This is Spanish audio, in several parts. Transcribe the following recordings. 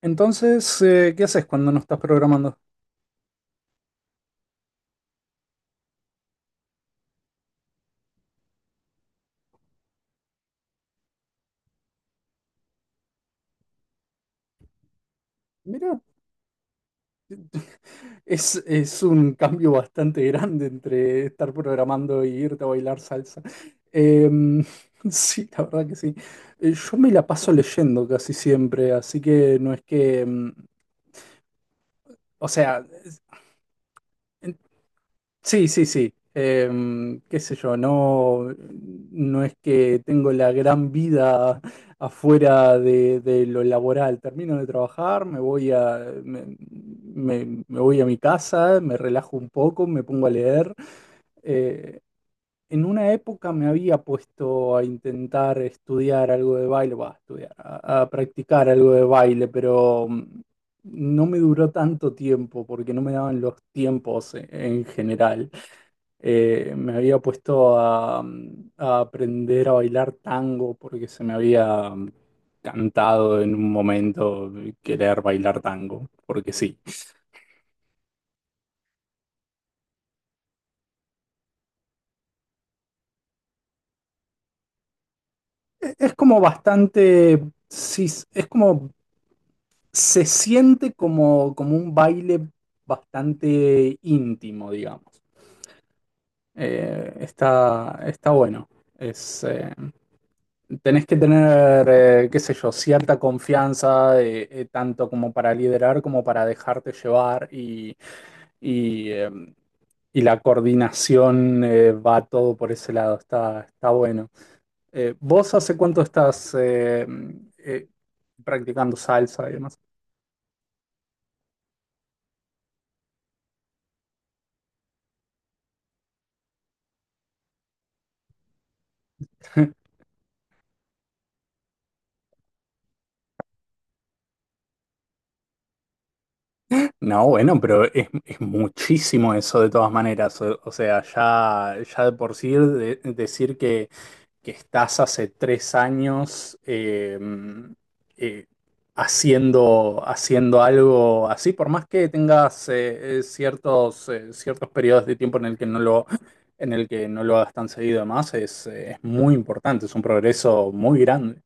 Entonces, ¿qué haces cuando no estás programando? Mira, es un cambio bastante grande entre estar programando y irte a bailar salsa. Em, sí, la verdad que sí. Yo me la paso leyendo casi siempre, así que no es que, o sea, sí, sí, sí. Qué sé yo, no, no es que tengo la gran vida afuera de lo laboral. Termino de trabajar, me voy a mi casa, me relajo un poco, me pongo a leer. Eh, en una época me había puesto a intentar estudiar algo de baile, va, a practicar algo de baile, pero no me duró tanto tiempo porque no me daban los tiempos en general. Me había puesto a aprender a bailar tango porque se me había cantado en un momento querer bailar tango, porque sí. Es como bastante, sí, es como, se siente como, como un baile bastante íntimo, digamos. Está, está bueno. Es, tenés que tener, qué sé yo, cierta confianza, tanto como para liderar como para dejarte llevar y y la coordinación va todo por ese lado. Está, está bueno. ¿Vos hace cuánto estás eh, practicando salsa y demás? No, bueno, pero es muchísimo eso de todas maneras. O sea, ya de por sí decir que estás hace tres años eh, haciendo algo así, por más que tengas ciertos, ciertos periodos de tiempo en el que no en el que no lo hagas tan seguido, además, es muy importante, es un progreso muy grande.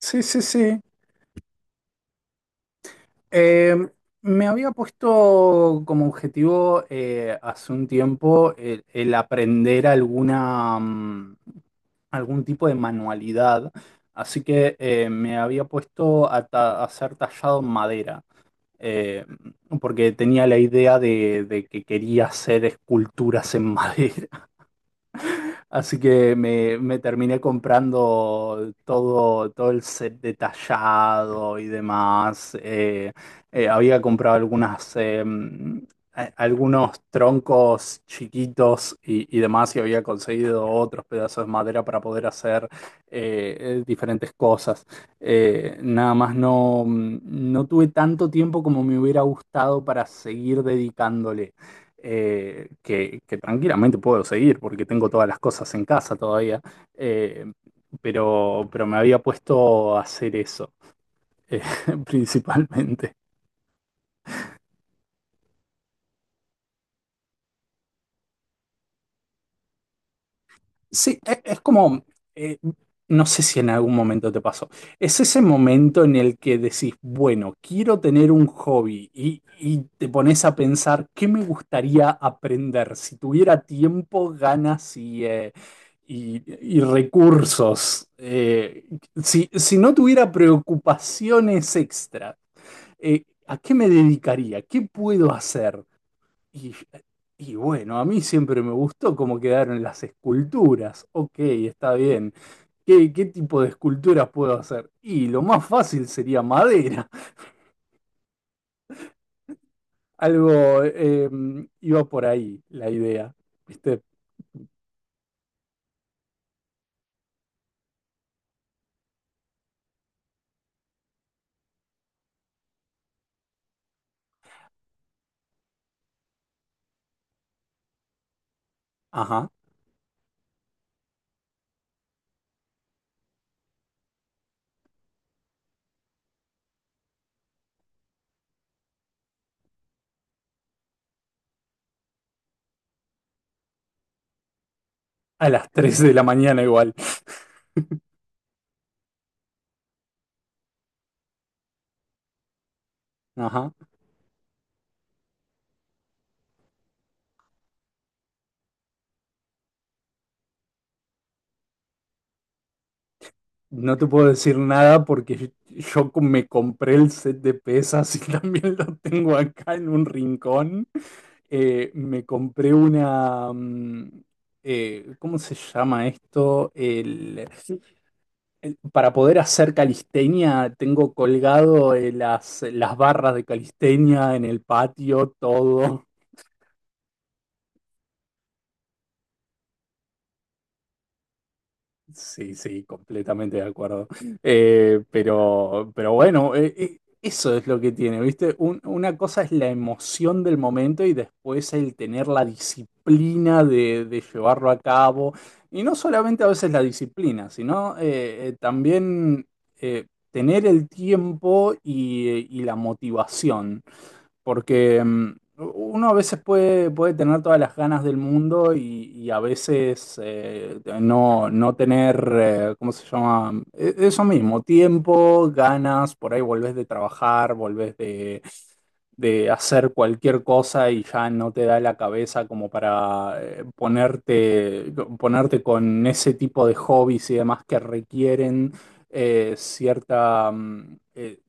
Sí, sí, sí. Eh, Me había puesto como objetivo hace un tiempo el aprender algún tipo de manualidad, así que me había puesto a ser tallado en madera, eh, porque tenía la idea de que quería hacer esculturas en madera. Así que me terminé comprando todo, todo el set detallado y demás. Había comprado algunas, algunos troncos chiquitos y demás y había conseguido otros pedazos de madera para poder hacer diferentes cosas. Nada más no tuve tanto tiempo como me hubiera gustado para seguir dedicándole que tranquilamente puedo seguir porque tengo todas las cosas en casa todavía, eh, pero me había puesto a hacer eso, eh, principalmente. Sí, es como, eh, no sé si en algún momento te pasó, es ese momento en el que decís, bueno, quiero tener un hobby y te pones a pensar, ¿qué me gustaría aprender? Si tuviera tiempo, ganas y- y recursos, si no tuviera preocupaciones extra, ¿a qué me dedicaría? ¿Qué puedo hacer? Y, y bueno, a mí siempre me gustó cómo quedaron las esculturas. Ok, está bien. ¿Qué tipo de esculturas puedo hacer? Y lo más fácil sería madera. Algo iba por ahí la idea. ¿Viste? Ajá. A las tres de la mañana igual. Ajá. No te puedo decir nada porque yo me compré el set de pesas y también lo tengo acá en un rincón. Me compré una. ¿Cómo se llama esto? Para poder hacer calistenia, tengo colgado las barras de calistenia en el patio, todo. Sí, sí, completamente de acuerdo. Pero bueno, eso es lo que tiene, ¿viste? Una cosa es la emoción del momento y después el tener la disciplina de llevarlo a cabo. Y no solamente a veces la disciplina, sino también eh, tener el tiempo y la motivación. Porque uno a veces puede tener todas las ganas del mundo y a veces no tener, ¿cómo se llama? Eso mismo, tiempo, ganas, por ahí volvés de trabajar, volvés de hacer cualquier cosa y ya no te da la cabeza como para ponerte con ese tipo de hobbies y demás que requieren eh, cierta, mm, eh,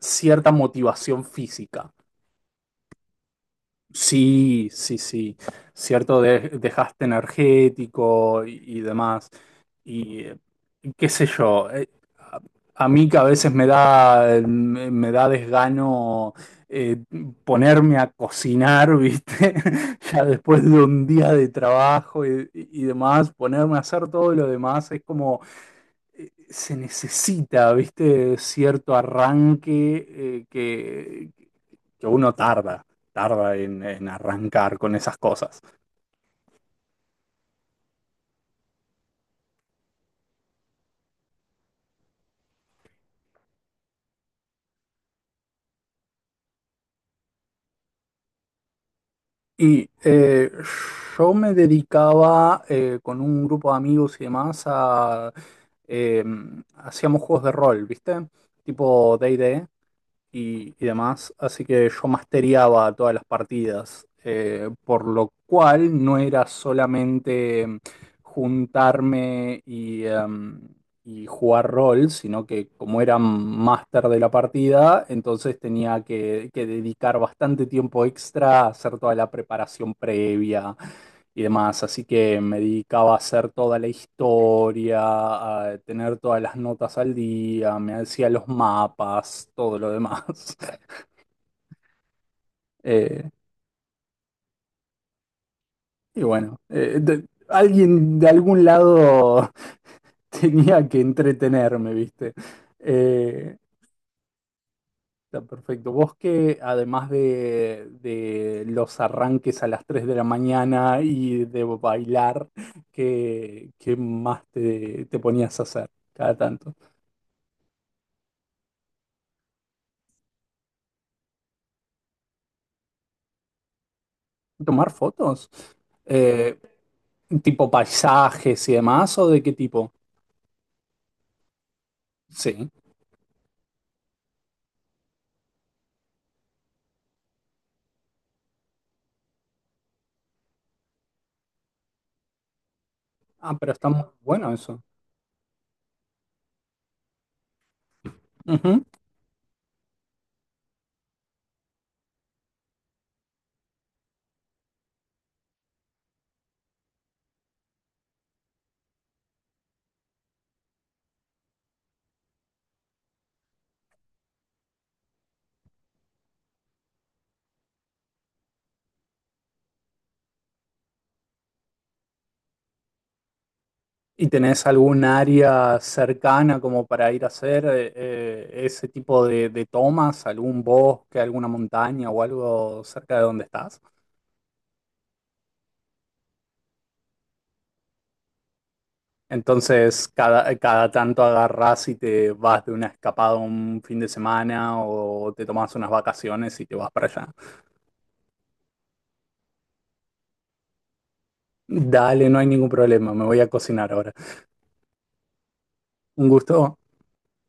cierta motivación física. Sí, sí, sí, cierto, dejaste energético y demás. Y eh, Qué sé yo, a, a mí que a veces me da desgano eh, ponerme a cocinar, ¿viste? Ya después de un día de trabajo y demás, ponerme a hacer todo lo demás es como, se necesita, ¿viste? Cierto arranque que uno tarda, tarda en arrancar con esas cosas. Y eh, yo me dedicaba con un grupo de amigos y demás a... eh, hacíamos juegos de rol, ¿viste? Tipo D&D, y demás, así que yo masteriaba todas las partidas, por lo cual no era solamente juntarme y y jugar rol, sino que como era máster de la partida, entonces tenía que dedicar bastante tiempo extra a hacer toda la preparación previa y demás. Así que me dedicaba a hacer toda la historia, a tener todas las notas al día, me hacía los mapas, todo lo demás. Eh, y bueno, alguien de algún lado tenía que entretenerme, ¿viste? Eh, Está perfecto. Vos que además de los arranques a las 3 de la mañana y de bailar, ¿qué más te ponías a hacer cada tanto? ¿Tomar fotos? Eh, ¿Tipo paisajes y demás o de qué tipo? Sí. Ah, pero está muy bueno eso. Ujú. ¿Y tenés algún área cercana como para ir a hacer ese tipo de tomas? ¿Algún bosque, alguna montaña o algo cerca de donde estás? Entonces, cada tanto agarrás y te vas de una escapada un fin de semana o te tomás unas vacaciones y te vas para allá. Dale, no hay ningún problema, me voy a cocinar ahora. Un gusto.